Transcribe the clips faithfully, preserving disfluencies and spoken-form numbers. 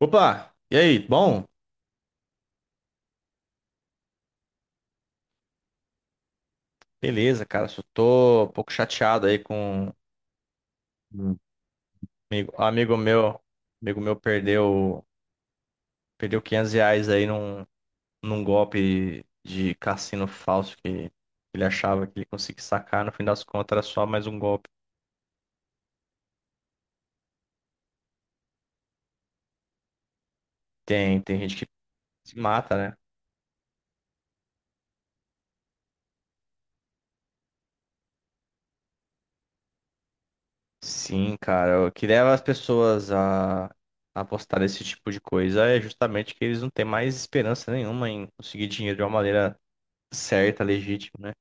Opa, e aí? Bom, beleza, cara. Só tô um pouco chateado aí com um amigo, amigo meu. Amigo meu perdeu, perdeu quinhentos reais aí num, num golpe de cassino falso que ele achava que ele conseguia sacar. No fim das contas, era só mais um golpe. Tem, tem gente que se mata, né? Sim, cara. O que leva as pessoas a a apostar nesse tipo de coisa é justamente que eles não têm mais esperança nenhuma em conseguir dinheiro de uma maneira certa, legítima, né?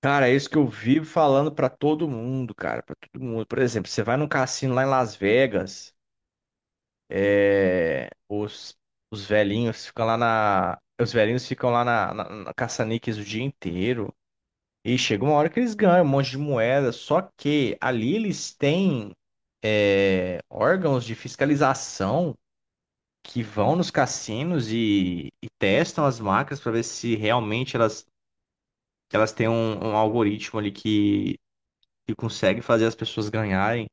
Cara, é isso que eu vivo falando pra todo mundo, cara, pra todo mundo. Por exemplo, você vai num cassino lá em Las Vegas, é, os, os velhinhos ficam lá na, os velhinhos ficam lá na, na, na caça-níqueis o dia inteiro e chega uma hora que eles ganham um monte de moeda, só que ali eles têm é, órgãos de fiscalização que vão nos cassinos e, e testam as máquinas para ver se realmente elas, elas têm um, um algoritmo ali que consegue fazer as pessoas ganharem.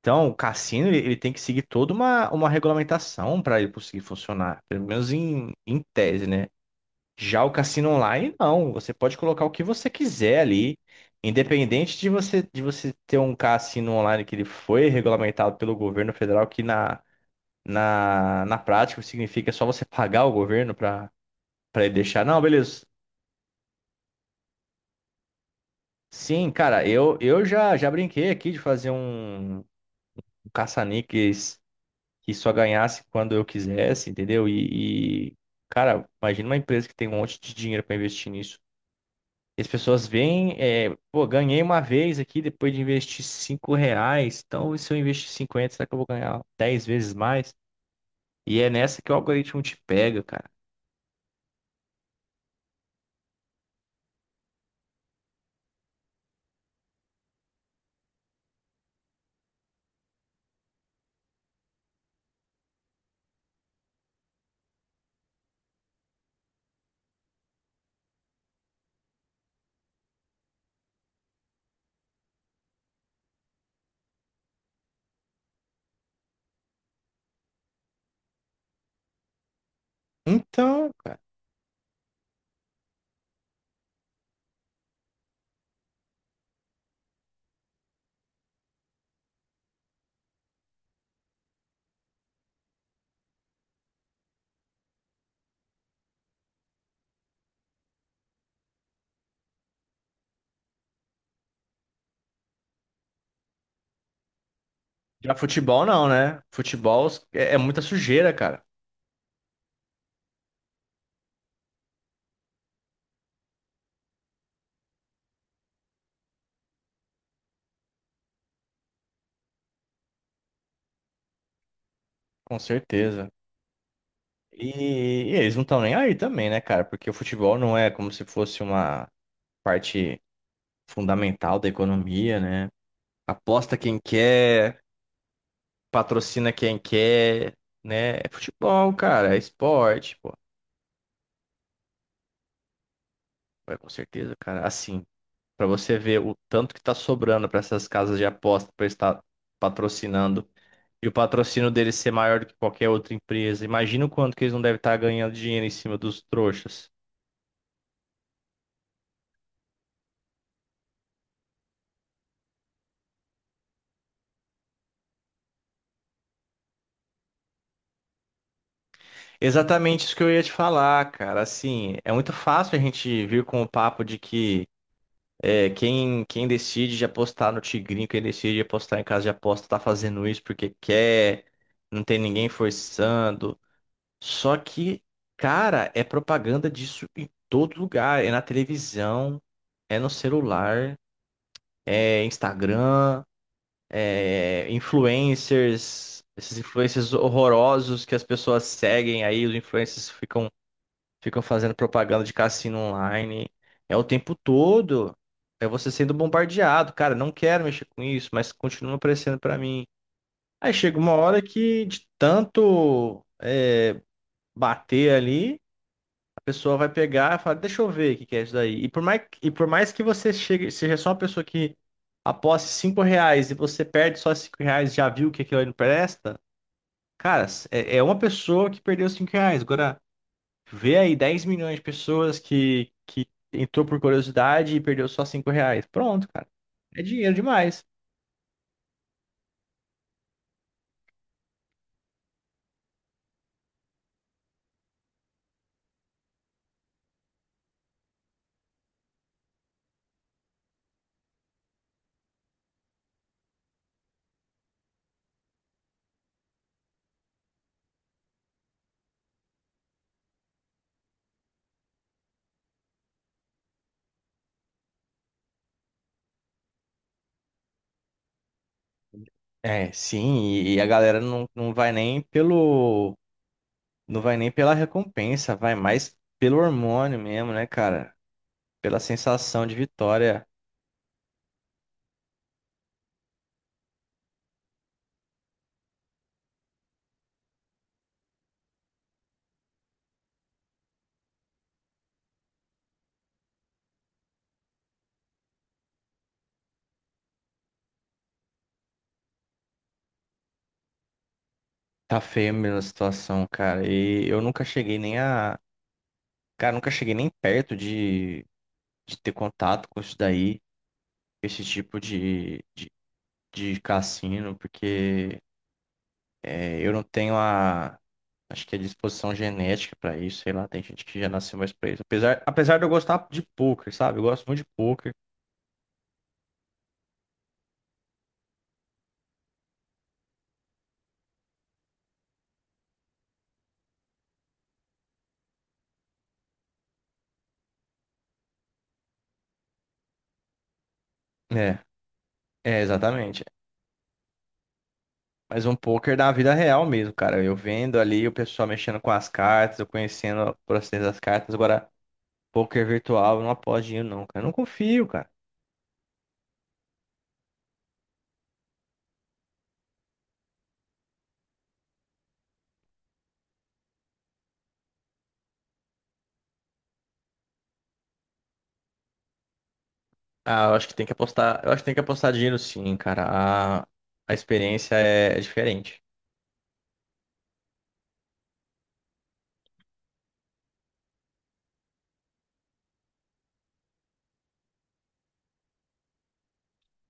Então, o cassino ele, ele tem que seguir toda uma, uma regulamentação para ele conseguir funcionar, pelo menos em, em tese, né? Já o cassino online, não. Você pode colocar o que você quiser ali, independente de você de você ter um cassino online que ele foi regulamentado pelo governo federal, que na, na, na prática significa só você pagar o governo para para ele deixar. Não, beleza. Sim, cara, eu, eu já, já brinquei aqui de fazer um, um caça-níqueis que só ganhasse quando eu quisesse, entendeu? E, e, cara, imagina uma empresa que tem um monte de dinheiro para investir nisso. E as pessoas veem, é, pô, ganhei uma vez aqui depois de investir cinco reais, então e se eu investir cinquenta, será que eu vou ganhar dez vezes mais? E é nessa que o algoritmo te pega, cara. Então, cara. Já futebol não, né? Futebol é, é muita sujeira, cara. Com certeza. E, e eles não estão nem aí também, né, cara? Porque o futebol não é como se fosse uma parte fundamental da economia, né? Aposta quem quer, patrocina quem quer, né? É futebol, cara, é esporte, pô. É, com certeza, cara. Assim, pra você ver o tanto que tá sobrando pra essas casas de aposta pra estar patrocinando e o patrocínio deles ser maior do que qualquer outra empresa. Imagina o quanto que eles não devem estar ganhando dinheiro em cima dos trouxas. Exatamente isso que eu ia te falar, cara. Assim, é muito fácil a gente vir com o papo de que é, quem, quem decide de apostar no Tigrinho, quem decide de apostar em casa de aposta, tá fazendo isso porque quer, não tem ninguém forçando. Só que, cara, é propaganda disso em todo lugar. É na televisão, é no celular, é Instagram, é influencers, esses influencers horrorosos que as pessoas seguem aí, os influencers ficam Ficam fazendo propaganda de cassino online. É o tempo todo. É você sendo bombardeado. Cara, não quero mexer com isso, mas continua aparecendo pra mim. Aí chega uma hora que, de tanto bater ali, a pessoa vai pegar e fala, deixa eu ver o que que é isso daí. E por mais, e por mais que você chegue, seja só uma pessoa que aposte cinco reais e você perde só cinco reais, já viu que aquilo ali não presta, cara, é, é uma pessoa que perdeu cinco reais. Agora. Vê aí dez milhões de pessoas que, que entrou por curiosidade e perdeu só cinco reais. Pronto, cara. É dinheiro demais. É, sim, e e a galera não, não vai nem pelo. Não vai nem pela recompensa, vai mais pelo hormônio mesmo, né, cara? Pela sensação de vitória. Tá feio mesmo a situação, cara. E eu nunca cheguei nem a. Cara, nunca cheguei nem perto de, de ter contato com isso daí, esse tipo de, de, de cassino, porque. É, eu não tenho a, acho que a disposição genética para isso, sei lá, tem gente que já nasceu mais pra isso. Apesar, apesar de eu gostar de poker, sabe? Eu gosto muito de poker. É, é, exatamente. Mas um poker da vida real mesmo, cara. Eu vendo ali o pessoal mexendo com as cartas, eu conhecendo o processo das cartas. Agora, poker virtual, eu não aposto dinheiro não, cara. Eu não confio, cara. Ah, eu acho que tem que apostar, eu acho que tem que apostar dinheiro sim, cara. A, a experiência é é diferente.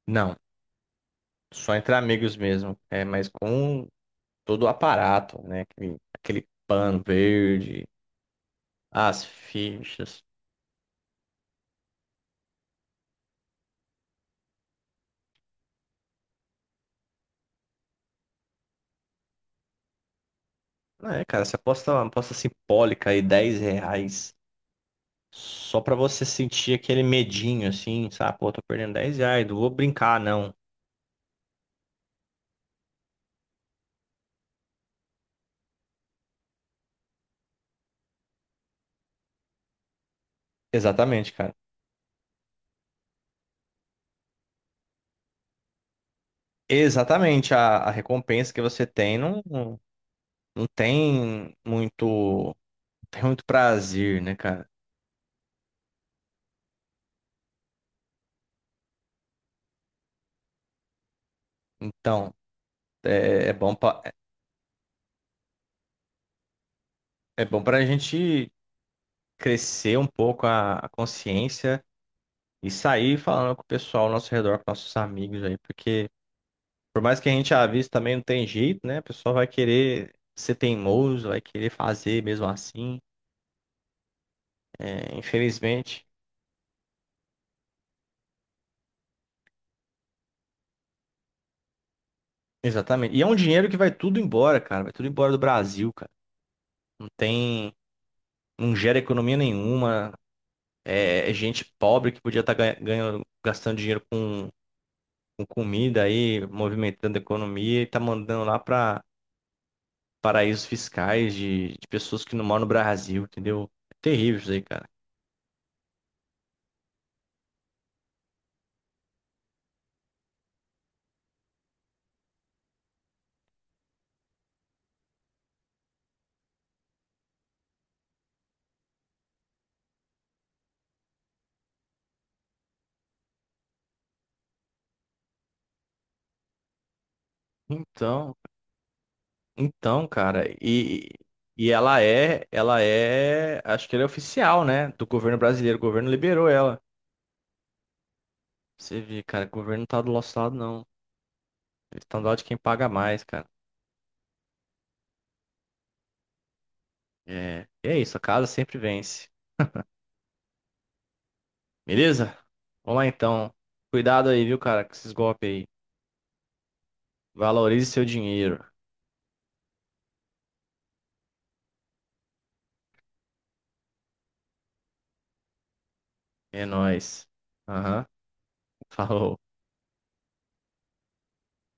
Não, só entre amigos mesmo. É, mas com todo o aparato, né? Aquele, aquele pano verde, as fichas. É, cara, você aposta uma aposta simbólica aí, dez reais, só pra você sentir aquele medinho, assim, sabe? Pô, tô perdendo dez reais, não vou brincar, não. Exatamente, cara. Exatamente, a, a recompensa que você tem não, não, não tem muito, tem muito, prazer, né, cara? Então, é, é bom pra, é bom pra gente crescer um pouco a a consciência e sair falando com o pessoal ao nosso redor, com nossos amigos aí, porque por mais que a gente avise também não tem jeito, né? O pessoal vai querer ser teimoso, vai querer fazer mesmo assim. É, infelizmente. Exatamente. E é um dinheiro que vai tudo embora, cara. Vai tudo embora do Brasil, cara. Não tem. Não gera economia nenhuma. É, é gente pobre que podia estar ganhando, gastando dinheiro com, com comida aí, movimentando a economia e tá mandando lá pra paraísos fiscais de, de pessoas que não moram no Brasil, entendeu? É terrível isso aí, cara. Então, então, cara, e, e ela é, ela é, acho que ela é oficial, né, do governo brasileiro. O governo liberou ela. Você vê, cara, o governo não tá do nosso lado, não. Ele tá do lado de quem paga mais, cara. É, e é isso, a casa sempre vence. Beleza? Vamos lá então. Cuidado aí, viu, cara, com esses golpes aí. Valorize seu dinheiro. É nóis. Aham. Falou.